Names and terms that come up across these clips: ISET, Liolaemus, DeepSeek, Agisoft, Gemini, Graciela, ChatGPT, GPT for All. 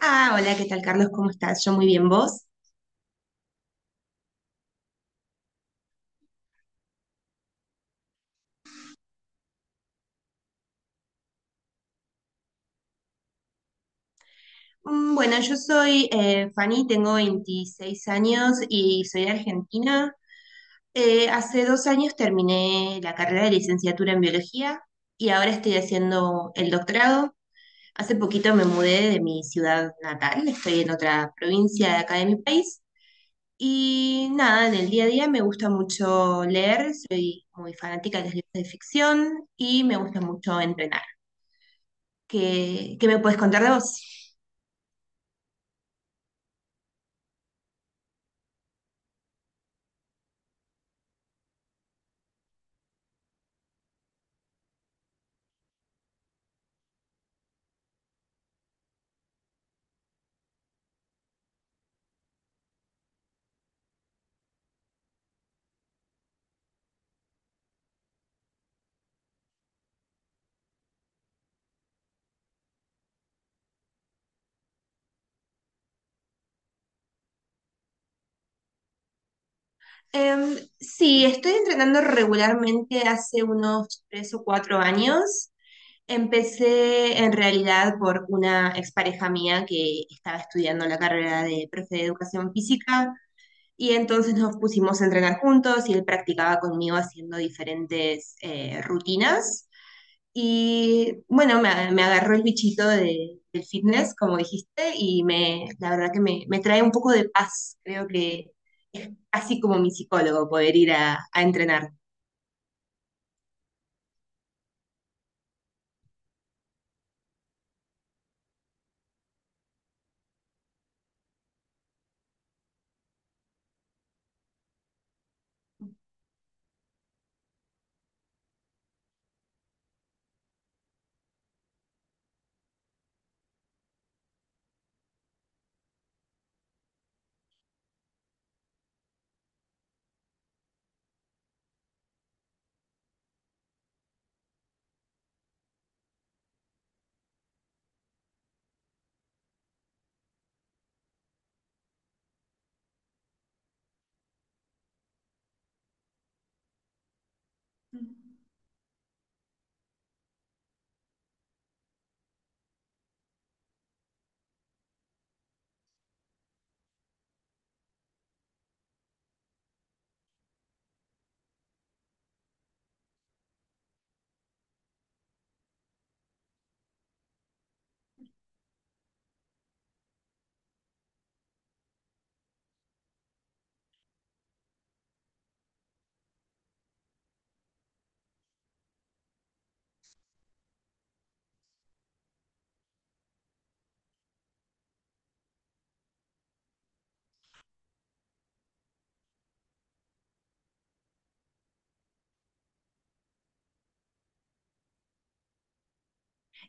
Ah, hola, ¿qué tal, Carlos? ¿Cómo estás? Yo muy bien, ¿vos? Bueno, yo soy Fanny, tengo 26 años y soy de Argentina. Hace 2 años terminé la carrera de licenciatura en biología y ahora estoy haciendo el doctorado. Hace poquito me mudé de mi ciudad natal, estoy en otra provincia de acá de mi país. Y nada, en el día a día me gusta mucho leer, soy muy fanática de los libros de ficción y me gusta mucho entrenar. ¿Qué me puedes contar de vos? Sí, estoy entrenando regularmente hace unos 3 o 4 años. Empecé en realidad por una expareja mía que estaba estudiando la carrera de profe de educación física y entonces nos pusimos a entrenar juntos y él practicaba conmigo haciendo diferentes rutinas. Y bueno, me agarró el bichito del fitness, como dijiste, la verdad que me trae un poco de paz. Creo que es casi como mi psicólogo poder ir a entrenar.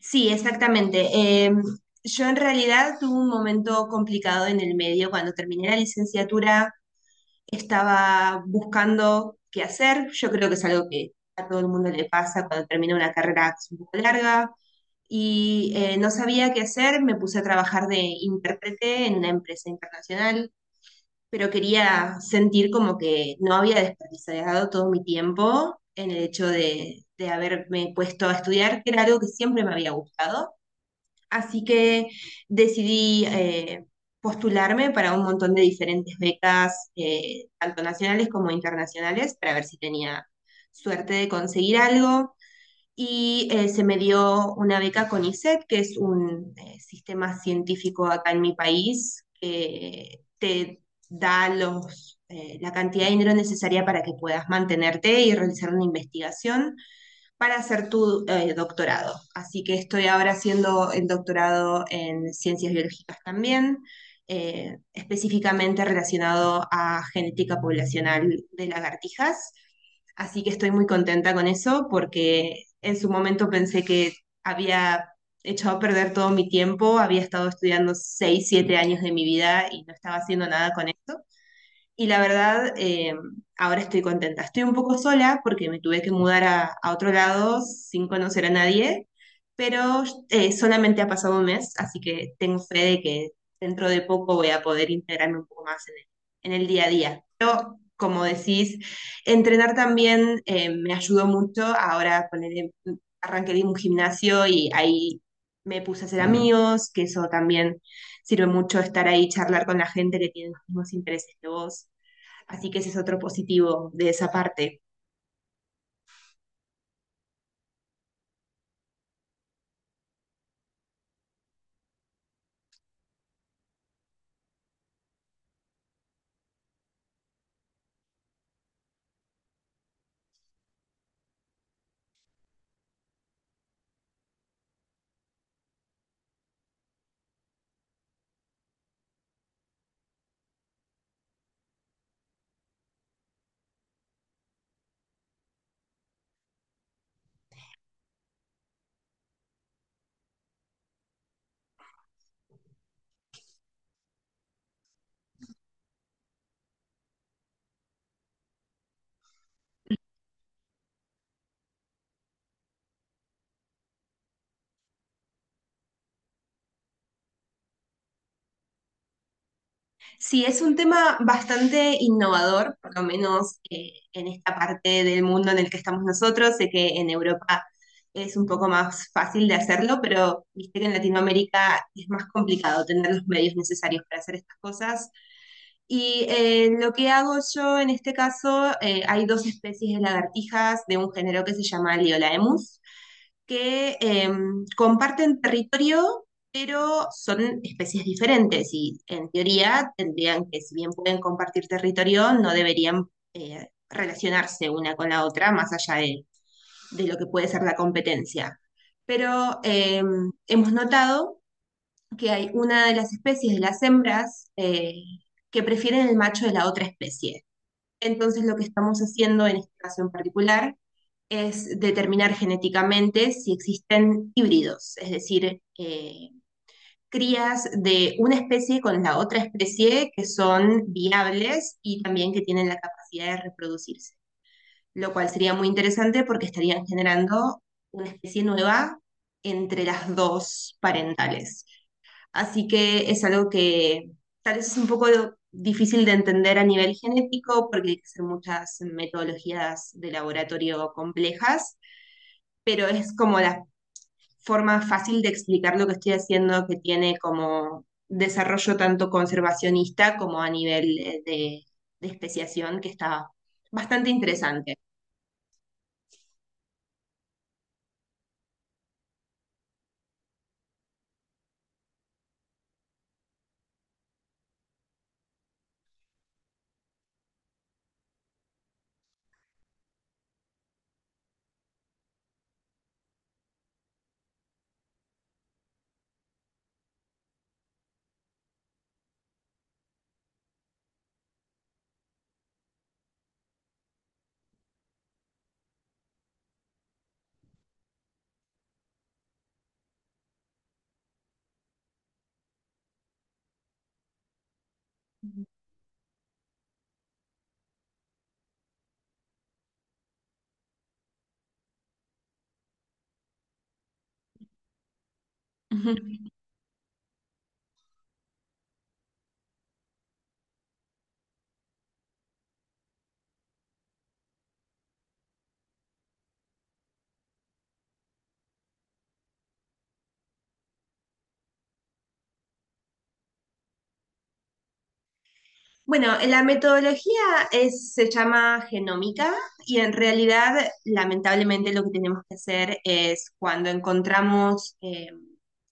Sí, exactamente. Yo en realidad tuve un momento complicado en el medio cuando terminé la licenciatura. Estaba buscando qué hacer. Yo creo que es algo que a todo el mundo le pasa cuando termina una carrera un poco larga. Y no sabía qué hacer, me puse a trabajar de intérprete en una empresa internacional, pero quería sentir como que no había desperdiciado todo mi tiempo en el hecho de haberme puesto a estudiar, que era algo que siempre me había gustado. Así que decidí postularme para un montón de diferentes becas, tanto nacionales como internacionales, para ver si tenía suerte de conseguir algo. Y se me dio una beca con ISET, que es un sistema científico acá en mi país, que te da la cantidad de dinero necesaria para que puedas mantenerte y realizar una investigación para hacer tu doctorado. Así que estoy ahora haciendo el doctorado en ciencias biológicas también, específicamente relacionado a genética poblacional de lagartijas. Así que estoy muy contenta con eso porque en su momento pensé que había echado a perder todo mi tiempo, había estado estudiando 6, 7 años de mi vida y no estaba haciendo nada con esto. Y la verdad, ahora estoy contenta. Estoy un poco sola porque me tuve que mudar a otro lado sin conocer a nadie, pero solamente ha pasado un mes, así que tengo fe de que dentro de poco voy a poder integrarme un poco más en el día a día. Pero, como decís, entrenar también me ayudó mucho. Ahora arranqué en un gimnasio y ahí me puse a hacer amigos, que eso también sirve mucho estar ahí, charlar con la gente que tiene los mismos intereses que vos. Así que ese es otro positivo de esa parte. Sí, es un tema bastante innovador, por lo menos en esta parte del mundo en el que estamos nosotros. Sé que en Europa es un poco más fácil de hacerlo, pero viste que en Latinoamérica es más complicado tener los medios necesarios para hacer estas cosas. Y lo que hago yo en este caso, hay dos especies de lagartijas de un género que se llama Liolaemus que comparten territorio, pero son especies diferentes y en teoría tendrían que, si bien pueden compartir territorio, no deberían relacionarse una con la otra más allá de lo que puede ser la competencia. Pero hemos notado que hay una de las especies de las hembras que prefieren el macho de la otra especie. Entonces lo que estamos haciendo en este caso en particular es determinar genéticamente si existen híbridos, es decir, crías de una especie con la otra especie que son viables y también que tienen la capacidad de reproducirse, lo cual sería muy interesante porque estarían generando una especie nueva entre las dos parentales. Así que es algo que tal vez es un poco difícil de entender a nivel genético porque hay que hacer muchas metodologías de laboratorio complejas, pero es como la forma fácil de explicar lo que estoy haciendo que tiene como desarrollo tanto conservacionista como a nivel de especiación, que está bastante interesante. Ujú. Bueno, la metodología es, se llama genómica y en realidad, lamentablemente, lo que tenemos que hacer es cuando encontramos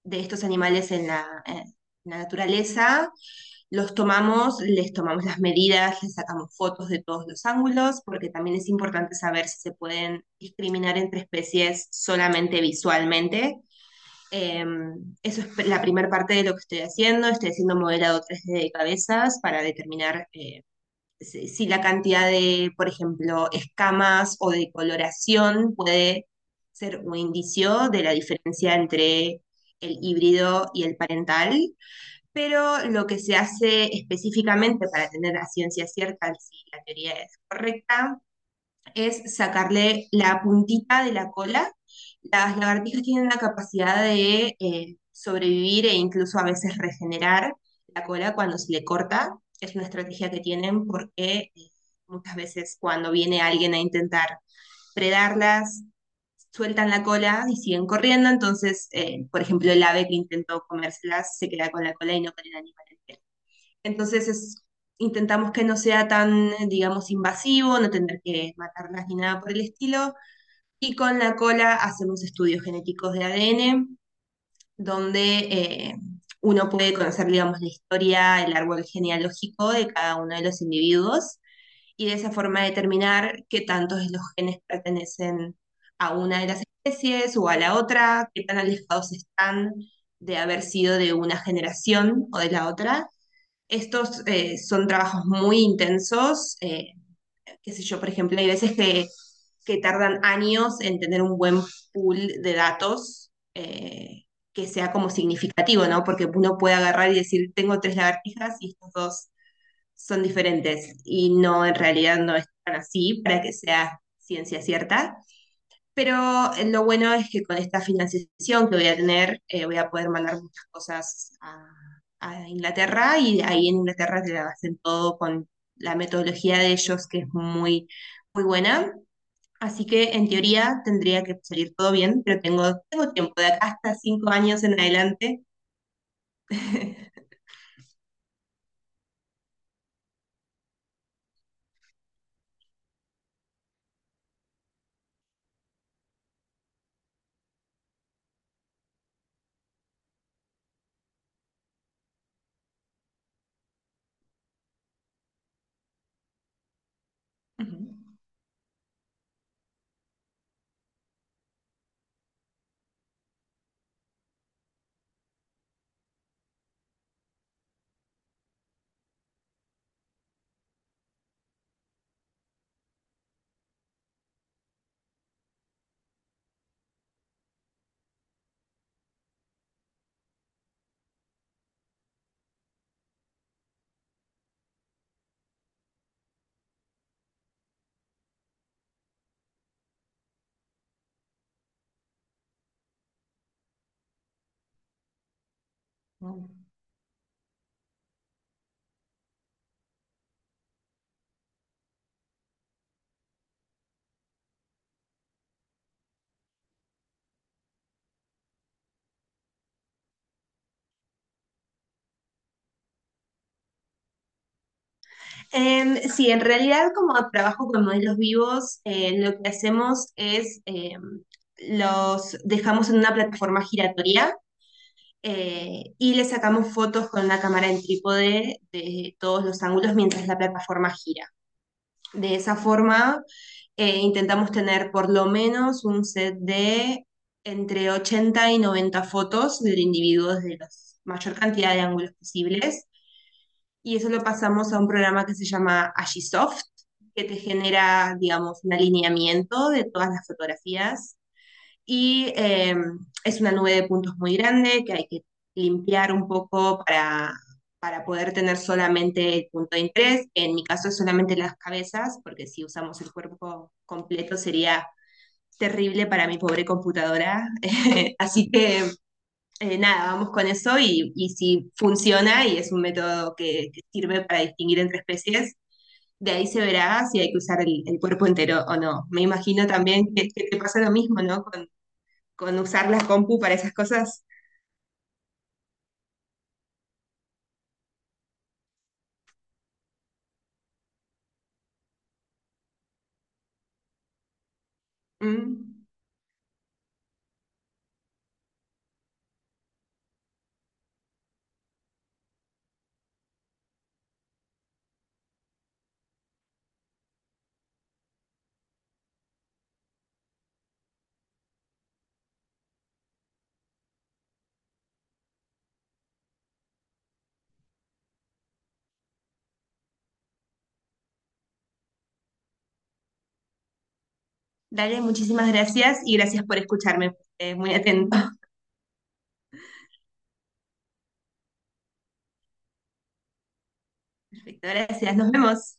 de estos animales en la naturaleza, los tomamos, les tomamos las medidas, les sacamos fotos de todos los ángulos, porque también es importante saber si se pueden discriminar entre especies solamente visualmente eh, eso es la primera parte de lo que estoy haciendo. Estoy haciendo modelado 3D de cabezas para determinar si la cantidad de, por ejemplo, escamas o de coloración puede ser un indicio de la diferencia entre el híbrido y el parental, pero lo que se hace específicamente para tener a ciencia cierta si la teoría es correcta es sacarle la puntita de la cola. Las lagartijas tienen la capacidad de sobrevivir e incluso a veces regenerar la cola cuando se le corta. Es una estrategia que tienen porque muchas veces cuando viene alguien a intentar predarlas, sueltan la cola y siguen corriendo. Entonces, por ejemplo, el ave que intentó comérselas se queda con la cola y no con el animal. Entonces intentamos que no sea tan, digamos, invasivo, no tener que matarlas ni nada por el estilo. Y con la cola hacemos estudios genéticos de ADN, donde uno puede conocer, digamos, la historia, el árbol genealógico de cada uno de los individuos y de esa forma determinar qué tantos de los genes pertenecen a una de las especies o a la otra, qué tan alejados están de haber sido de una generación o de la otra. Estos son trabajos muy intensos, qué sé yo, por ejemplo, hay veces que tardan años en tener un buen pool de datos que sea como significativo, ¿no? Porque uno puede agarrar y decir, tengo tres lagartijas y estos dos son diferentes, y no, en realidad no es tan así para que sea ciencia cierta. Pero lo bueno es que con esta financiación que voy a tener, voy a poder mandar muchas cosas a Inglaterra y ahí en Inglaterra te la hacen todo con la metodología de ellos, que es muy, muy buena. Así que en teoría tendría que salir todo bien, pero tengo, tengo tiempo, de acá hasta 5 años en adelante. Ujú. Sí, en realidad como trabajo con modelos vivos, lo que hacemos es los dejamos en una plataforma giratoria y le sacamos fotos con la cámara en trípode de todos los ángulos mientras la plataforma gira. De esa forma intentamos tener por lo menos un set de entre 80 y 90 fotos del individuo desde la mayor cantidad de ángulos posibles y eso lo pasamos a un programa que se llama Agisoft, que te genera, digamos, un alineamiento de todas las fotografías y es una nube de puntos muy grande que hay que limpiar un poco para poder tener solamente el punto de interés. En mi caso es solamente las cabezas, porque si usamos el cuerpo completo sería terrible para mi pobre computadora. Así que nada, vamos con eso y si funciona y es un método que sirve para distinguir entre especies, de ahí se verá si hay que usar el cuerpo entero o no. Me imagino también que te pasa lo mismo, ¿no? Con usar la compu para esas cosas. Mm. Dale, muchísimas gracias y gracias por escucharme. Muy atento. Perfecto, gracias. Nos vemos.